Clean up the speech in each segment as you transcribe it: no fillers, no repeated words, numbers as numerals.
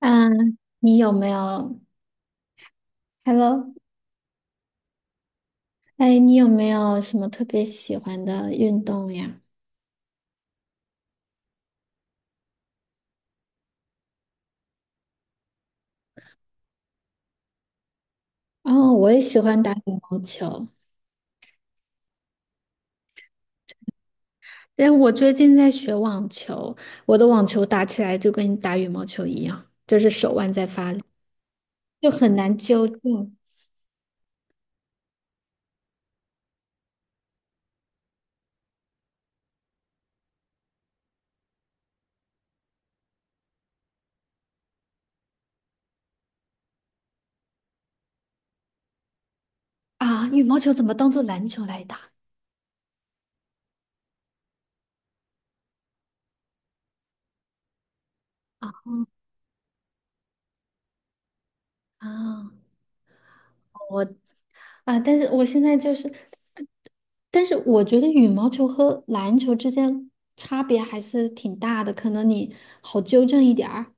嗯，你有没有？Hello，哎，你有没有什么特别喜欢的运动呀？哦，我也喜欢打羽毛球，但我最近在学网球，我的网球打起来就跟打羽毛球一样，就是手腕在发力，就很难纠正啊。羽毛球怎么当做篮球来打啊？我但是我现在就是，但是我觉得羽毛球和篮球之间差别还是挺大的，可能你好纠正一点儿。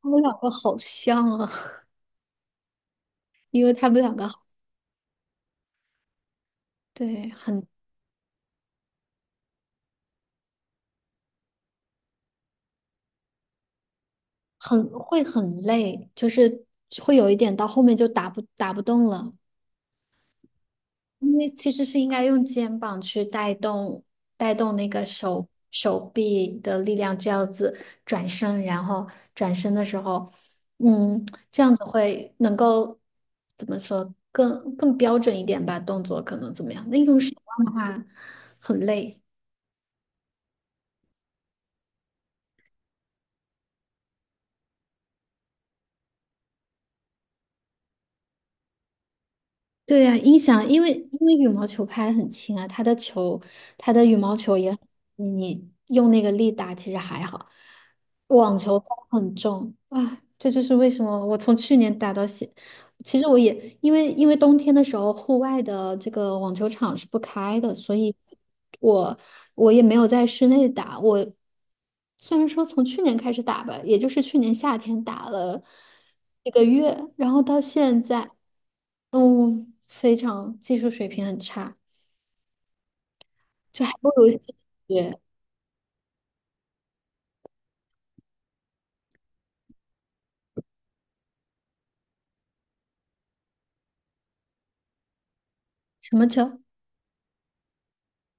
他们两个好像啊，因为他们两个对很会很累，就是会有一点到后面就打不动了，因为其实是应该用肩膀去带动那个手臂的力量，这样子转身，然后转身的时候，嗯，这样子会能够怎么说更标准一点吧，动作可能怎么样？那用手腕的话很累。对呀、音响，因为羽毛球拍很轻啊，它的球，它的羽毛球也很，你用那个力打其实还好，网球它很重啊，这就是为什么我从去年打到现，其实我也因为冬天的时候，户外的这个网球场是不开的，所以我我也没有在室内打。我虽然说从去年开始打吧，也就是去年夏天打了1个月，然后到现在，非常技术水平很差，就还不如学什么球？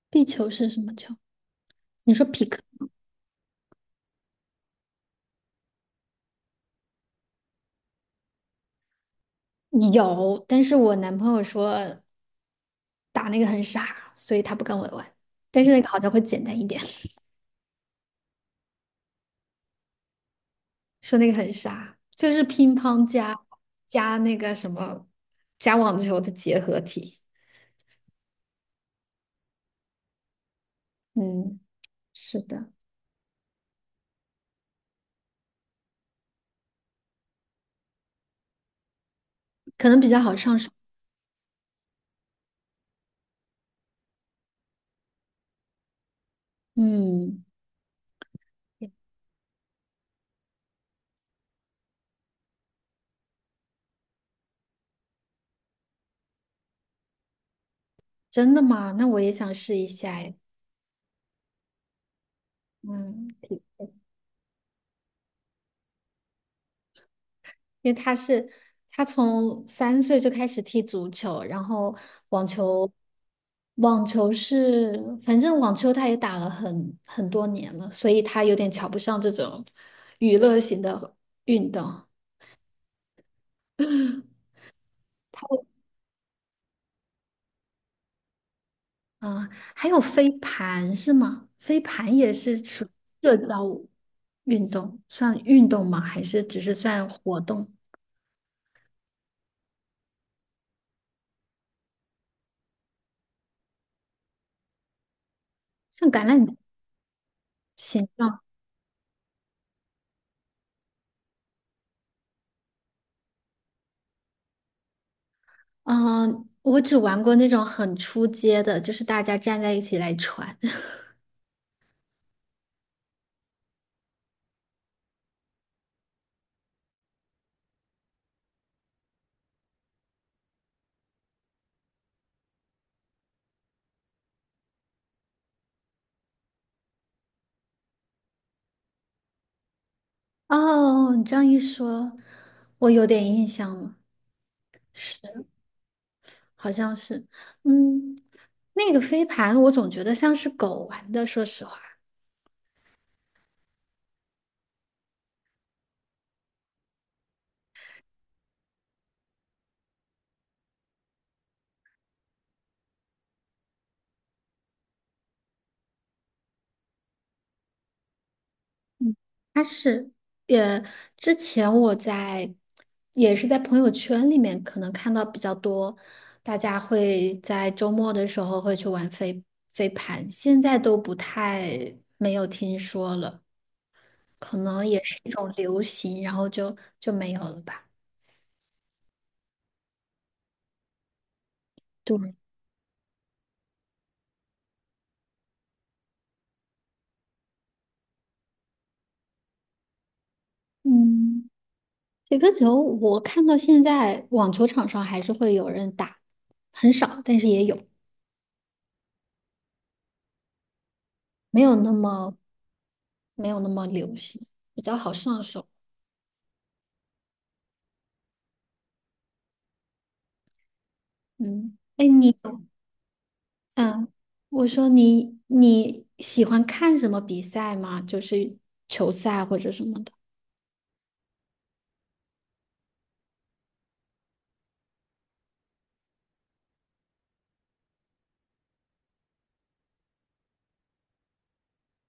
壁球是什么球？你说匹克有，但是我男朋友说。打那个很傻，所以他不跟我玩。但是那个好像会简单一点，说那个很傻，就是乒乓加那个什么加网球的结合体。嗯，是的，可能比较好上手。嗯，真的吗？那我也想试一下哎。嗯。因为他从3岁就开始踢足球，然后网球，网球是反正网球他也打了很多年了，所以他有点瞧不上这种娱乐型的运动。他嗯、还有飞盘是吗？飞盘也是属于社交运动，算运动吗？还是只是算活动？像橄榄球形状？嗯，我只玩过那种很出街的，就是大家站在一起来传。哦，你这样一说，我有点印象了，是，好像是，嗯，那个飞盘我总觉得像是狗玩的，说实话，嗯，它是，也之前我在也是在朋友圈里面可能看到比较多，大家会在周末的时候会去玩飞盘，现在都不太没有听说了。可能也是一种流行，然后就没有了吧。对，嗯，雪个球，我看到现在网球场上还是会有人打，很少，但是也有，没有那么没有那么流行，比较好上手。嗯，哎，嗯，我说你喜欢看什么比赛吗？就是球赛或者什么的。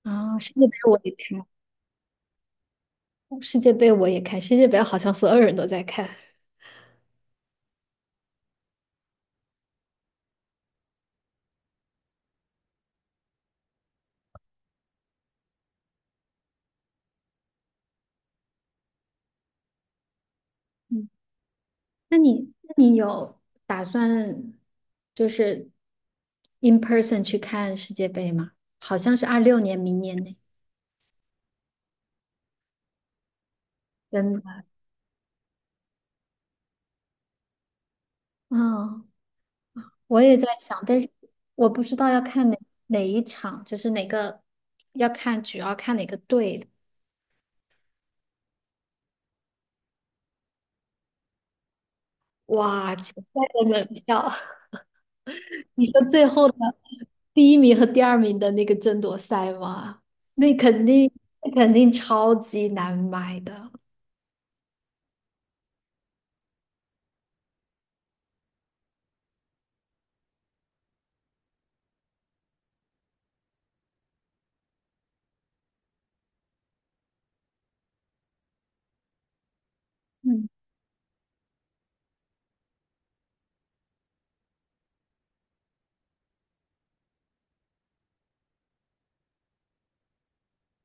啊，世界杯我也看，世界杯我也看，世界杯好像所有人都在看。那你有打算就是 in person 去看世界杯吗？好像是26年，明年呢。真的，嗯，我也在想，但是我不知道要看哪一场，就是哪个要看，主要看哪个队的。哇，决赛的门票，你说最后的第一名和第二名的那个争夺赛吗？那肯定，那肯定超级难买的。嗯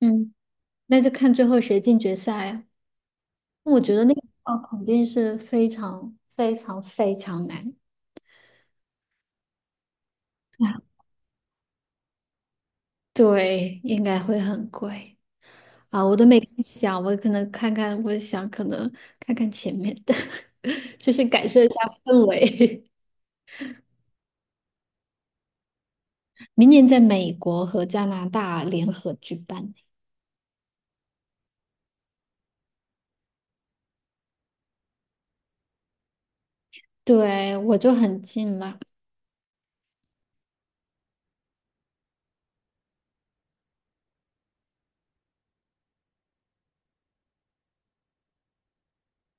嗯。那就看最后谁进决赛啊。我觉得那个哦，肯定是非常非常非常难。啊对，应该会很贵啊！我都没看想，我可能看看，我想可能看看前面的，就是感受一下氛围。明年在美国和加拿大联合举办，对，我就很近了。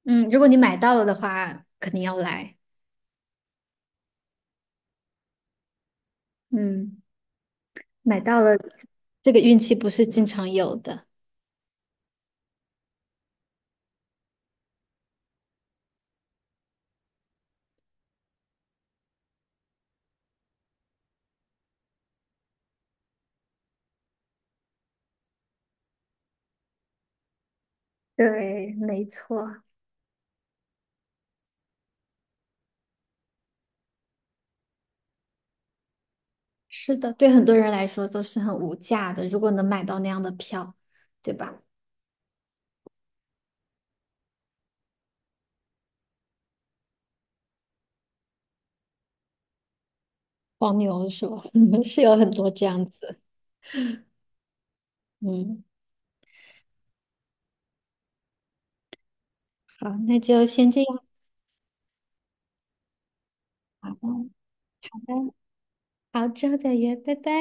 嗯，如果你买到了的话，肯定要来。嗯，买到了，这个运气不是经常有的。对，没错，是的，对很多人来说都是很无价的，如果能买到那样的票，对吧？黄牛是吧？嗯是有很多这样子。嗯，好，那就先这样好的，好的，好，之后再约，拜拜。